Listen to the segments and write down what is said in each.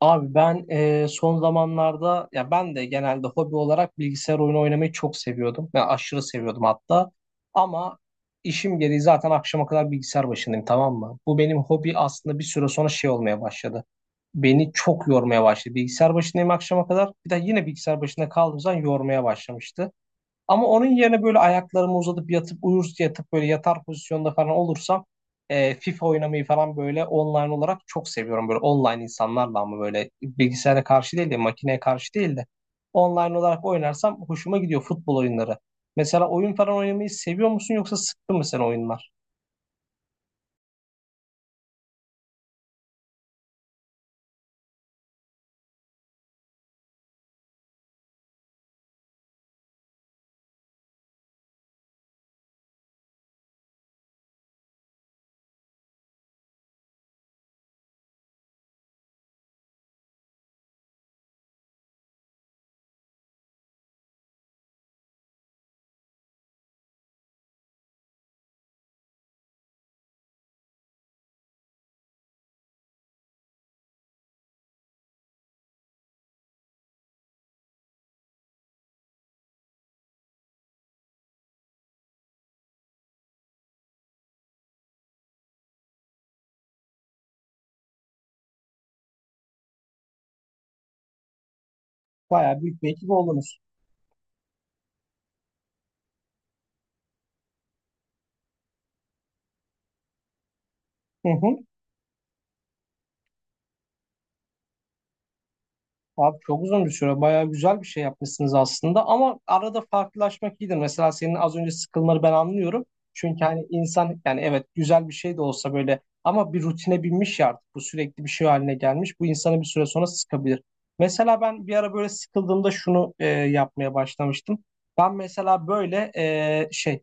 Abi ben son zamanlarda ya ben de genelde hobi olarak bilgisayar oyunu oynamayı çok seviyordum. Ben aşırı seviyordum hatta. Ama işim gereği zaten akşama kadar bilgisayar başındayım, tamam mı? Bu benim hobi aslında bir süre sonra şey olmaya başladı. Beni çok yormaya başladı. Bilgisayar başındayım akşama kadar. Bir de yine bilgisayar başında kaldığım zaman yormaya başlamıştı. Ama onun yerine böyle ayaklarımı uzatıp yatıp uyur yatıp böyle yatar pozisyonda falan olursam FIFA oynamayı falan böyle online olarak çok seviyorum. Böyle online insanlarla ama böyle bilgisayara karşı değil de makineye karşı değil de online olarak oynarsam hoşuma gidiyor futbol oyunları. Mesela oyun falan oynamayı seviyor musun yoksa sıktı mı sen oyunlar? Bayağı büyük bir ekip oldunuz. Hı hı. Abi çok uzun bir süre bayağı güzel bir şey yapmışsınız aslında, ama arada farklılaşmak iyidir. Mesela senin az önce sıkılmanı ben anlıyorum. Çünkü hani insan, yani evet güzel bir şey de olsa böyle ama bir rutine binmiş ya, artık bu sürekli bir şey haline gelmiş. Bu insanı bir süre sonra sıkabilir. Mesela ben bir ara böyle sıkıldığımda şunu yapmaya başlamıştım. Ben mesela böyle e, şey,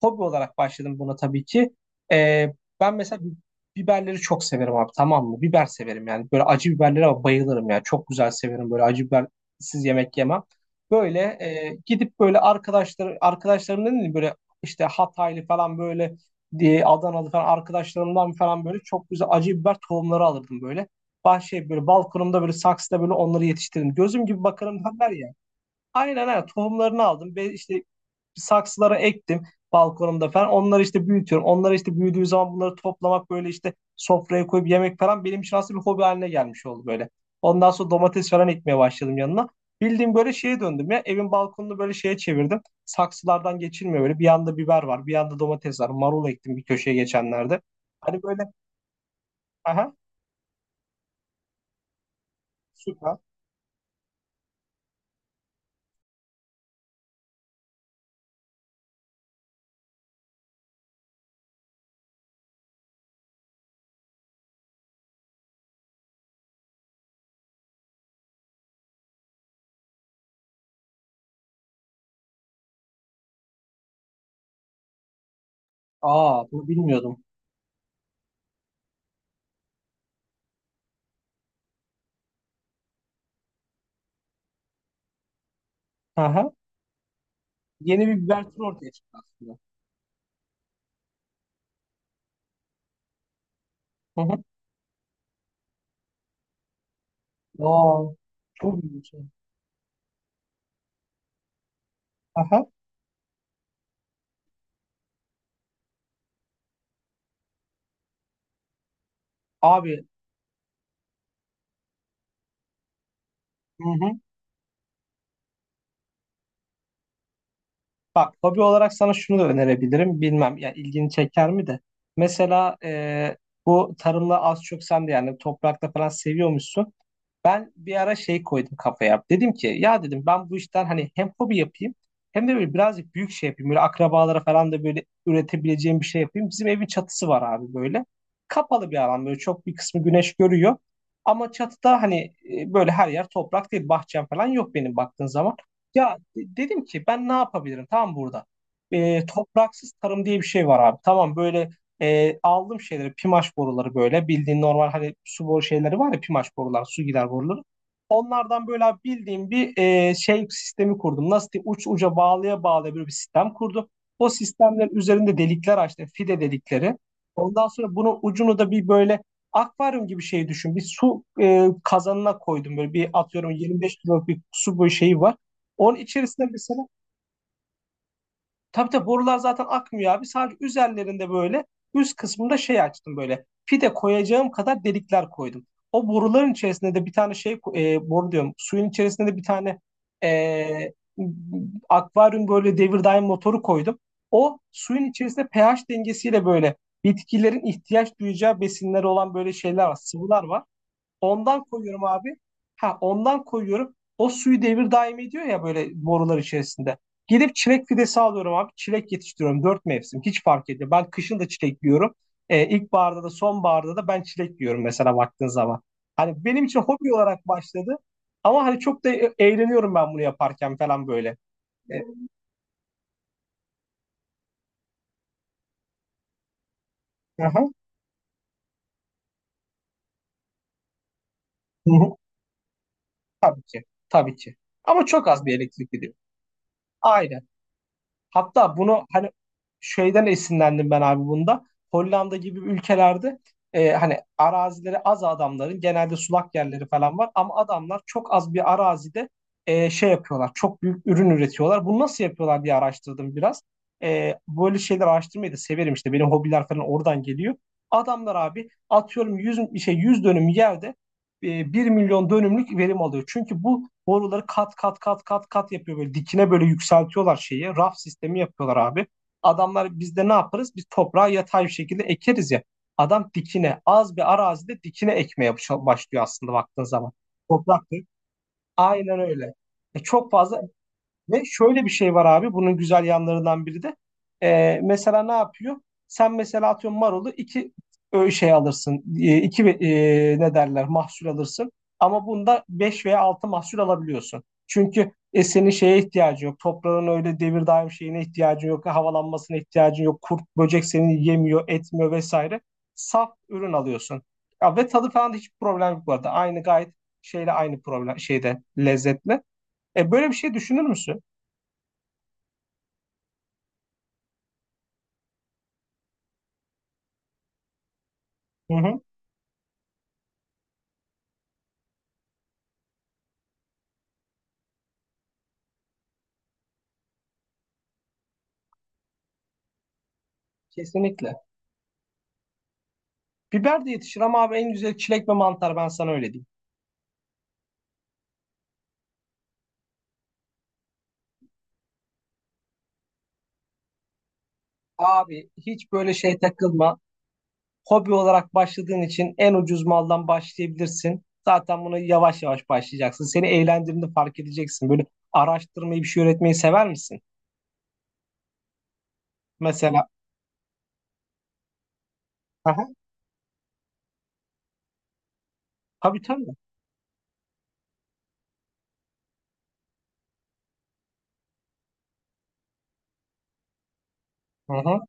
hobi olarak başladım buna tabii ki. Ee, ben mesela biberleri çok severim abi, tamam mı? Biber severim yani. Böyle acı biberlere bayılırım ya. Çok güzel severim, böyle acı bibersiz yemek yemem. Böyle gidip böyle arkadaşlarım dedim böyle işte Hataylı falan böyle diye Adanalı falan arkadaşlarımdan falan böyle çok güzel acı biber tohumları alırdım böyle. Bahçeye böyle balkonumda böyle saksıda böyle onları yetiştirdim. Gözüm gibi bakarım derler ya. Aynen aynen tohumlarını aldım. Ve işte saksılara ektim balkonumda falan. Onları işte büyütüyorum. Onları işte büyüdüğü zaman bunları toplamak böyle işte sofraya koyup yemek falan benim için aslında bir hobi haline gelmiş oldu böyle. Ondan sonra domates falan ekmeye başladım yanına. Bildiğim böyle şeye döndüm ya. Evin balkonunu böyle şeye çevirdim. Saksılardan geçilmiyor böyle. Bir yanda biber var, bir yanda domates var. Marul ektim bir köşeye geçenlerde. Hani böyle aha süper. Aa, bunu bilmiyordum. Aha. Yeni bir biber türü ortaya çıktı aslında. Hı hı. Aa, çok iyi bir şey. Aha. Abi hı hı. Bak, hobi olarak sana şunu da önerebilirim. Bilmem ya ilgini çeker mi de. Mesela bu tarımla az çok sen de yani toprakta falan seviyormuşsun. Ben bir ara şey koydum kafaya. Dedim ki ya, dedim ben bu işten hani hem hobi yapayım hem de böyle birazcık büyük şey yapayım. Böyle akrabalara falan da böyle üretebileceğim bir şey yapayım. Bizim evin çatısı var abi böyle. Kapalı bir alan, böyle çok bir kısmı güneş görüyor. Ama çatıda hani böyle her yer toprak değil, bahçem falan yok benim baktığın zaman. Ya dedim ki ben ne yapabilirim tam burada. E, topraksız tarım diye bir şey var abi. Tamam böyle aldım şeyleri, pimaş boruları, böyle bildiğin normal hani su boru şeyleri var ya, pimaş borular, su gider boruları. Onlardan böyle abi bildiğim bir şey sistemi kurdum. Nasıl diyeyim, uç uca bağlaya bağlaya böyle bir sistem kurdum. O sistemlerin üzerinde delikler açtım, fide delikleri. Ondan sonra bunun ucunu da bir böyle akvaryum gibi şey düşün. Bir su kazanına koydum, böyle bir atıyorum 25 kiloluk bir su boyu şeyi var. Onun içerisinde mesela tabii tabii borular zaten akmıyor abi. Sadece üzerlerinde böyle üst kısmında şey açtım böyle. Fide koyacağım kadar delikler koydum. O boruların içerisinde de bir tane şey boru diyorum. Suyun içerisinde de bir tane e, akvaryum böyle devir daim motoru koydum. O suyun içerisinde pH dengesiyle böyle bitkilerin ihtiyaç duyacağı besinleri olan böyle şeyler var, sıvılar var. Ondan koyuyorum abi. Ha, ondan koyuyorum. O suyu devir daim ediyor ya böyle borular içerisinde. Gidip çilek fidesi alıyorum abi. Çilek yetiştiriyorum. Dört mevsim. Hiç fark etmiyor. Ben kışın da çilek yiyorum. İlkbaharda da sonbaharda da ben çilek yiyorum mesela baktığın zaman. Hani benim için hobi olarak başladı. Ama hani çok da eğleniyorum ben bunu yaparken falan böyle. Ee, aha, hı hı, tabii ki. Tabii ki. Ama çok az bir elektrik gidiyor. Aynen. Hatta bunu hani şeyden esinlendim ben abi bunda. Hollanda gibi ülkelerde hani arazileri az adamların genelde sulak yerleri falan var ama adamlar çok az bir arazide şey yapıyorlar. Çok büyük ürün üretiyorlar. Bunu nasıl yapıyorlar diye araştırdım biraz. E, böyle şeyler araştırmayı da severim işte. Benim hobiler falan oradan geliyor. Adamlar abi atıyorum 100 şey 100 dönüm yerde 1 milyon dönümlük verim alıyor. Çünkü bu boruları kat kat kat kat kat yapıyor böyle, dikine böyle yükseltiyorlar şeyi. Raf sistemi yapıyorlar abi. Adamlar, biz de ne yaparız? Biz toprağı yatay bir şekilde ekeriz ya. Adam dikine az bir arazide dikine ekmeye başlıyor aslında baktığın zaman. Toprak değil. Aynen öyle. E, çok fazla ve şöyle bir şey var abi bunun güzel yanlarından biri de. Mesela ne yapıyor? Sen mesela atıyorum marulu iki şey alırsın. İki ne derler, mahsul alırsın. Ama bunda 5 veya 6 mahsul alabiliyorsun. Çünkü senin şeye ihtiyacın yok. Toprağın öyle devir daim şeyine ihtiyacın yok. Havalanmasına ihtiyacın yok. Kurt, böcek seni yemiyor, etmiyor vesaire. Saf ürün alıyorsun. Ya, ve tadı falan da hiç problem yok bu arada. Aynı gayet şeyle aynı problem şeyde lezzetle. E, böyle bir şey düşünür müsün? Hı hı, kesinlikle. Biber de yetişir ama abi en güzel çilek ve mantar, ben sana öyle diyeyim. Abi hiç böyle şey takılma. Hobi olarak başladığın için en ucuz maldan başlayabilirsin. Zaten bunu yavaş yavaş başlayacaksın. Seni eğlendirdiğini fark edeceksin. Böyle araştırmayı, bir şey üretmeyi sever misin? Mesela. Aha, tabii tabii. Hı hı.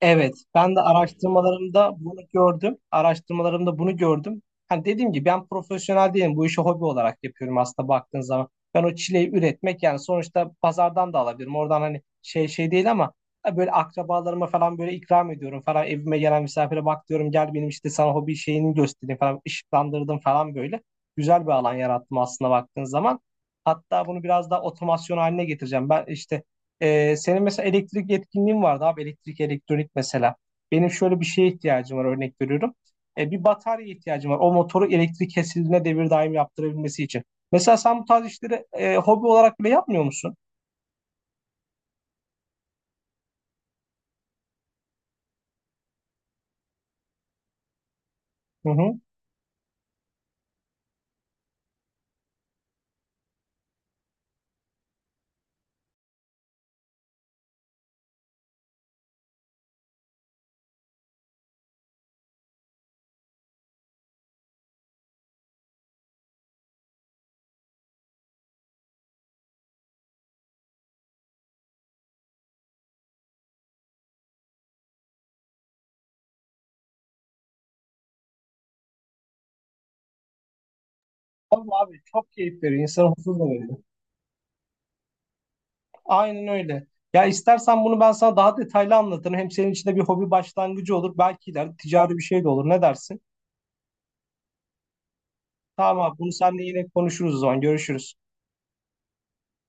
Evet, ben de araştırmalarımda bunu gördüm. Araştırmalarımda bunu gördüm. Hani dediğim gibi ben profesyonel değilim. Bu işi hobi olarak yapıyorum aslında baktığın zaman. Ben o çileyi üretmek yani sonuçta pazardan da alabilirim. Oradan hani şey şey değil ama böyle akrabalarıma falan böyle ikram ediyorum falan. Evime gelen misafire bak diyorum, gel benim işte sana hobi şeyini göstereyim falan. Işıklandırdım falan böyle. Güzel bir alan yarattım aslında baktığın zaman. Hatta bunu biraz daha otomasyon haline getireceğim. Ben işte senin mesela elektrik yetkinliğin vardı abi, elektrik elektronik mesela. Benim şöyle bir şeye ihtiyacım var, örnek veriyorum. Bir batarya ihtiyacım var. O motoru elektrik kesildiğine devir daim yaptırabilmesi için. Mesela sen bu tarz işleri hobi olarak bile yapmıyor musun? Hı hı. Tabii abi çok keyif veriyor. İnsanı huzur da veriyor. Aynen öyle. Ya istersen bunu ben sana daha detaylı anlatırım. Hem senin için de bir hobi başlangıcı olur. Belki ileride ticari bir şey de olur. Ne dersin? Tamam abi, bunu seninle yine konuşuruz o zaman. Görüşürüz.